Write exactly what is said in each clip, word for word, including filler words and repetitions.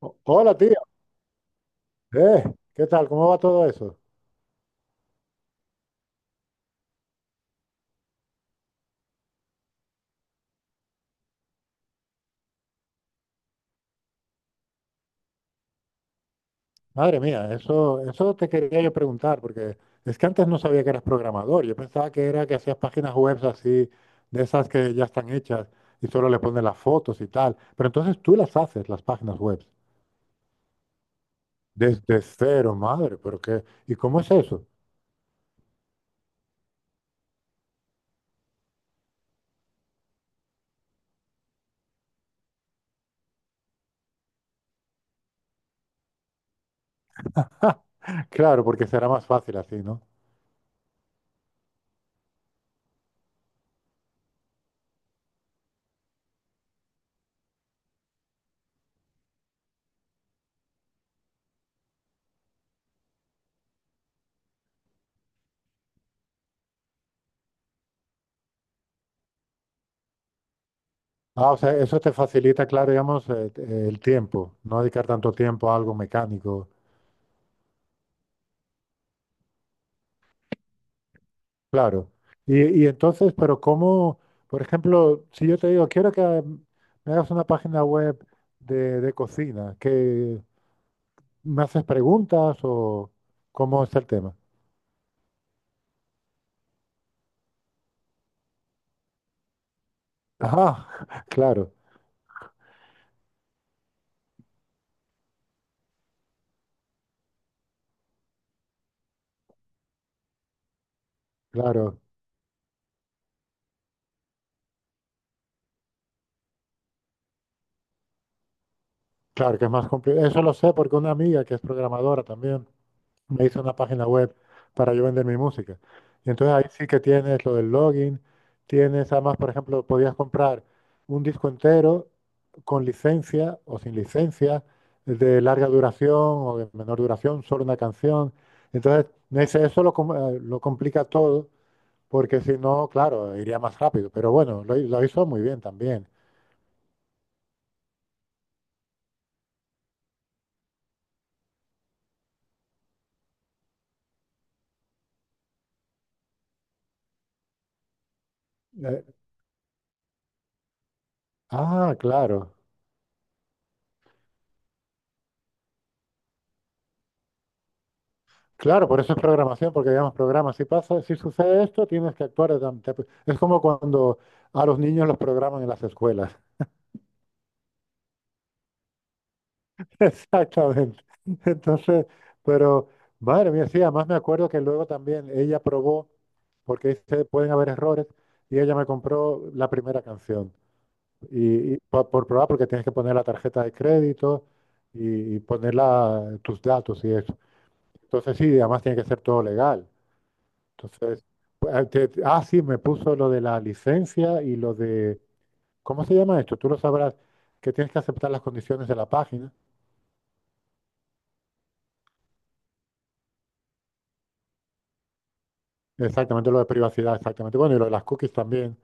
O- Hola, tío. Eh, ¿Qué tal? ¿Cómo va todo eso? Madre mía, eso, eso te quería yo preguntar, porque es que antes no sabía que eras programador. Yo pensaba que era que hacías páginas web así, de esas que ya están hechas y solo le pones las fotos y tal. Pero entonces tú las haces, las páginas web, desde cero, madre, ¿pero qué? ¿Y cómo es eso? Claro, porque será más fácil así, ¿no? Ah, o sea, eso te facilita, claro, digamos, eh, eh, el tiempo, no dedicar tanto tiempo a algo mecánico. Claro. Y, y entonces, pero cómo, por ejemplo, si yo te digo, quiero que me hagas una página web de, de cocina, que me haces preguntas o cómo es el tema. Ah, claro, claro, claro que es más complicado. Eso lo sé porque una amiga que es programadora también me hice una página web para yo vender mi música. Y entonces ahí sí que tienes lo del login, tienes además, por ejemplo, podías comprar un disco entero con licencia o sin licencia, de larga duración o de menor duración, solo una canción. Entonces, me dice, eso lo, com- eh, lo complica todo, porque si no, claro, iría más rápido. Pero bueno, lo, hi- lo hizo muy bien también. Eh, ah, claro. Claro, por eso es programación, porque digamos, programa, si pasa, si sucede esto, tienes que actuar. de tam- te- Es como cuando a los niños los programan en las escuelas. Exactamente. Entonces, pero, madre mía, sí, además me acuerdo que luego también ella probó, porque dice, pueden haber errores, y ella me compró la primera canción. Y, y po- por, probar, porque tienes que poner la tarjeta de crédito y, y poner la- tus datos y eso. Entonces, sí, además tiene que ser todo legal. Entonces, pues, ah, te- ah, sí, me puso lo de la licencia y lo de, ¿cómo se llama esto? Tú lo sabrás, que tienes que aceptar las condiciones de la página. Exactamente, lo de privacidad, exactamente. Bueno, y lo de las cookies también,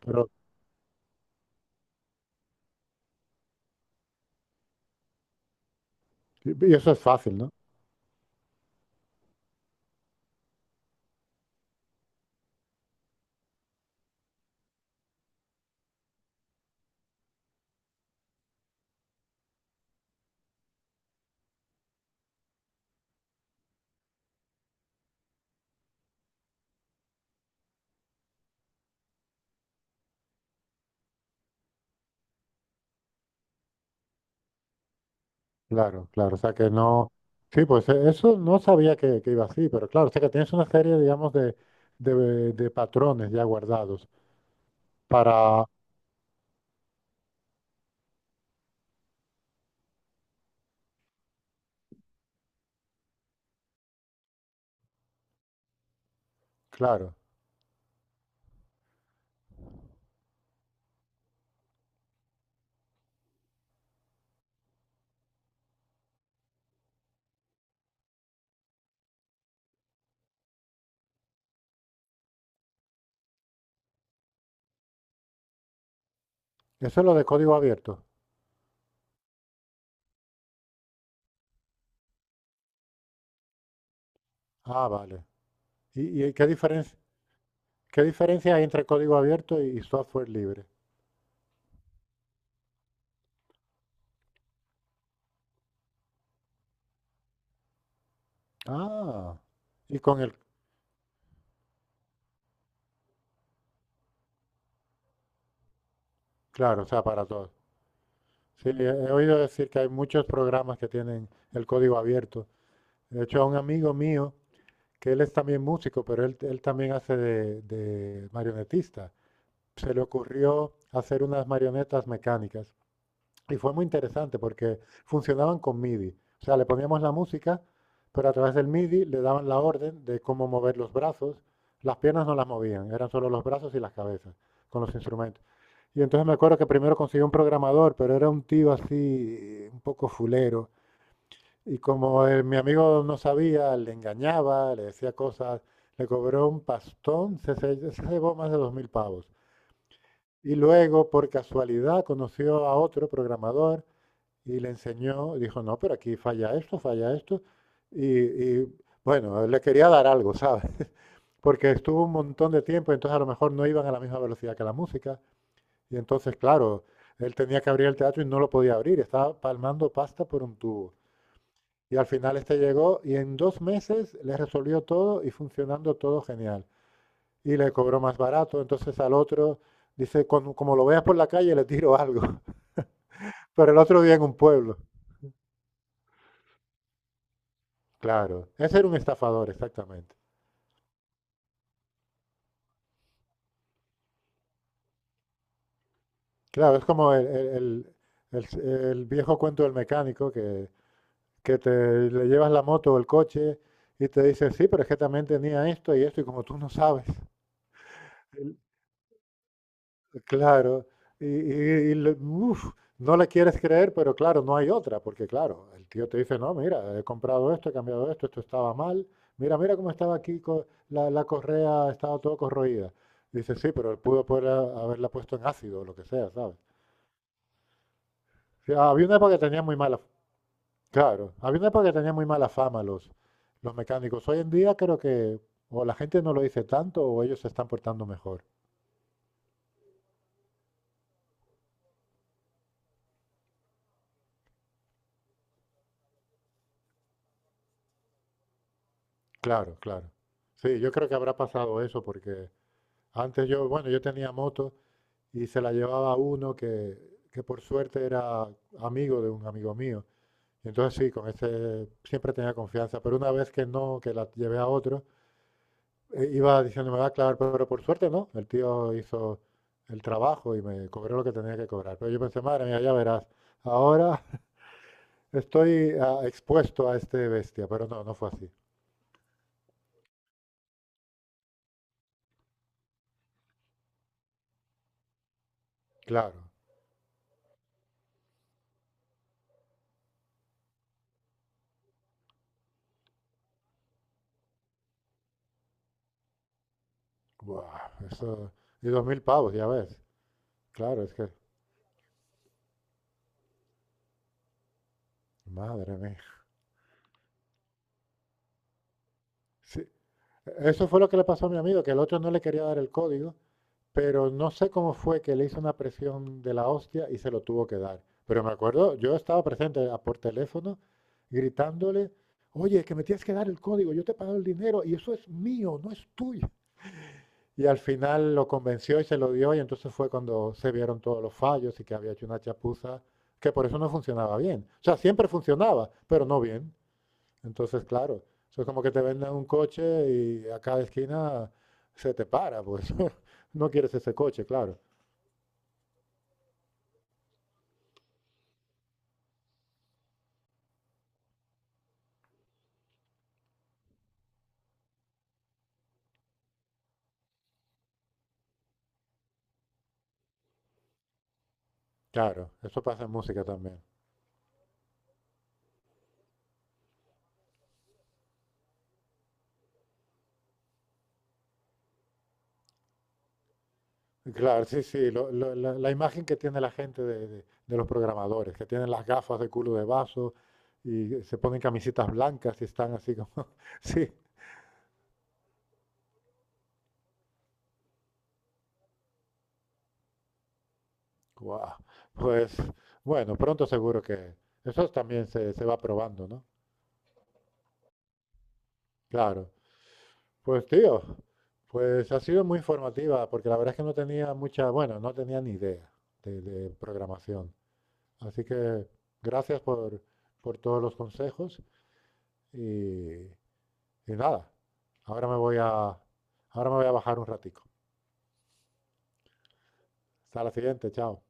pero, y eso es fácil, ¿no? Claro, claro, o sea que no, sí, pues eh, eso no sabía que, que iba así, pero claro, o sea que tienes una serie, digamos, de, de, de patrones ya guardados para, claro. Eso es lo de código abierto. Ah, vale. ¿Y, y qué diferencia, qué diferencia hay entre código abierto y software libre? Ah, y con el, claro, o sea, para todos. Sí, he he oído decir que hay muchos programas que tienen el código abierto. De hecho, a un amigo mío, que él es también músico, pero él, él también hace de, de marionetista, se le ocurrió hacer unas marionetas mecánicas. Y fue muy interesante porque funcionaban con M I D I. O sea, le poníamos la música, pero a través del M I D I le daban la orden de cómo mover los brazos. Las piernas no las movían, eran solo los brazos y las cabezas con los instrumentos. Y entonces me acuerdo que primero conseguí un programador, pero era un tío así, un poco fulero. Y como eh, mi amigo no sabía, le engañaba, le decía cosas, le cobró un pastón, se, se, se llevó más de dos mil pavos. Y luego, por casualidad, conoció a otro programador y le enseñó, dijo, no, pero aquí falla esto, falla esto. Y, y, bueno, le quería dar algo, ¿sabes? Porque estuvo un montón de tiempo, entonces a lo mejor no iban a la misma velocidad que la música. Y entonces, claro, él tenía que abrir el teatro y no lo podía abrir, estaba palmando pasta por un tubo. Y al final este llegó y en dos meses le resolvió todo y funcionando todo genial. Y le cobró más barato, entonces al otro dice, "Con- como lo veas por la calle le tiro algo, pero el otro día en un pueblo. Claro, ese era un estafador, exactamente. Claro, es como el, el- el- el- el viejo cuento del mecánico que, que te le llevas la moto o el coche y te dice, sí, pero es que también tenía esto y esto, y como tú no sabes, el- claro, y, y- y le- uf, no le quieres creer, pero claro, no hay otra, porque claro, el tío te dice, no, mira, he comprado esto, he cambiado esto, esto estaba mal, mira, mira cómo estaba aquí, co- la, la correa estaba todo corroída. Dice, sí, pero él pudo poder haberla puesto en ácido o lo que sea, ¿sabes? Sí, había una época que tenía muy mala. Claro, había una época que tenía muy mala fama los, los mecánicos. Hoy en día creo que o la gente no lo dice tanto o ellos se están portando mejor. Claro, claro. Sí, yo creo que habrá pasado eso porque antes yo, bueno, yo tenía moto y se la llevaba uno que, que por suerte era amigo de un amigo mío. Y entonces sí, con ese siempre tenía confianza, pero una vez que no, que la llevé a otro, eh, iba diciendo, me va a clavar, pero por suerte no. El tío hizo el trabajo y me cobró lo que tenía que cobrar. Pero yo pensé, madre mía, ya verás, ahora estoy ah, expuesto a este bestia, pero no, no fue así. Claro. Buah, eso, y dos mil pavos, ya ves. Claro, es que, madre mía. Sí, eso fue lo que le pasó a mi amigo, que el otro no le quería dar el código. Pero no sé cómo fue que le hizo una presión de la hostia y se lo tuvo que dar. Pero me acuerdo, yo estaba presente a- por teléfono gritándole, oye, que me tienes que dar el código, yo te he pagado el dinero y eso es mío, no es tuyo. Y al final lo convenció y se lo dio y entonces fue cuando se vieron todos los fallos y que había hecho una chapuza, que por eso no funcionaba bien. O sea, siempre funcionaba, pero no bien. Entonces, claro, eso es como que te venden un coche y a cada esquina se te para, pues no quieres ese coche, claro. Claro, eso pasa en música también. Claro, sí, sí, lo- lo- la, la imagen que tiene la gente de, de- de los programadores, que tienen las gafas de culo de vaso y eh, se ponen camisetas blancas y están así como, sí, guau. Pues bueno, pronto seguro que eso también se, se va probando, ¿no? Claro. Pues tío, pues ha sido muy informativa, porque la verdad es que no tenía mucha, bueno, no tenía ni idea de, de programación. Así que gracias por, por todos los consejos. Y, y nada, ahora me voy a, ahora me voy a bajar un ratico. Hasta la siguiente, chao.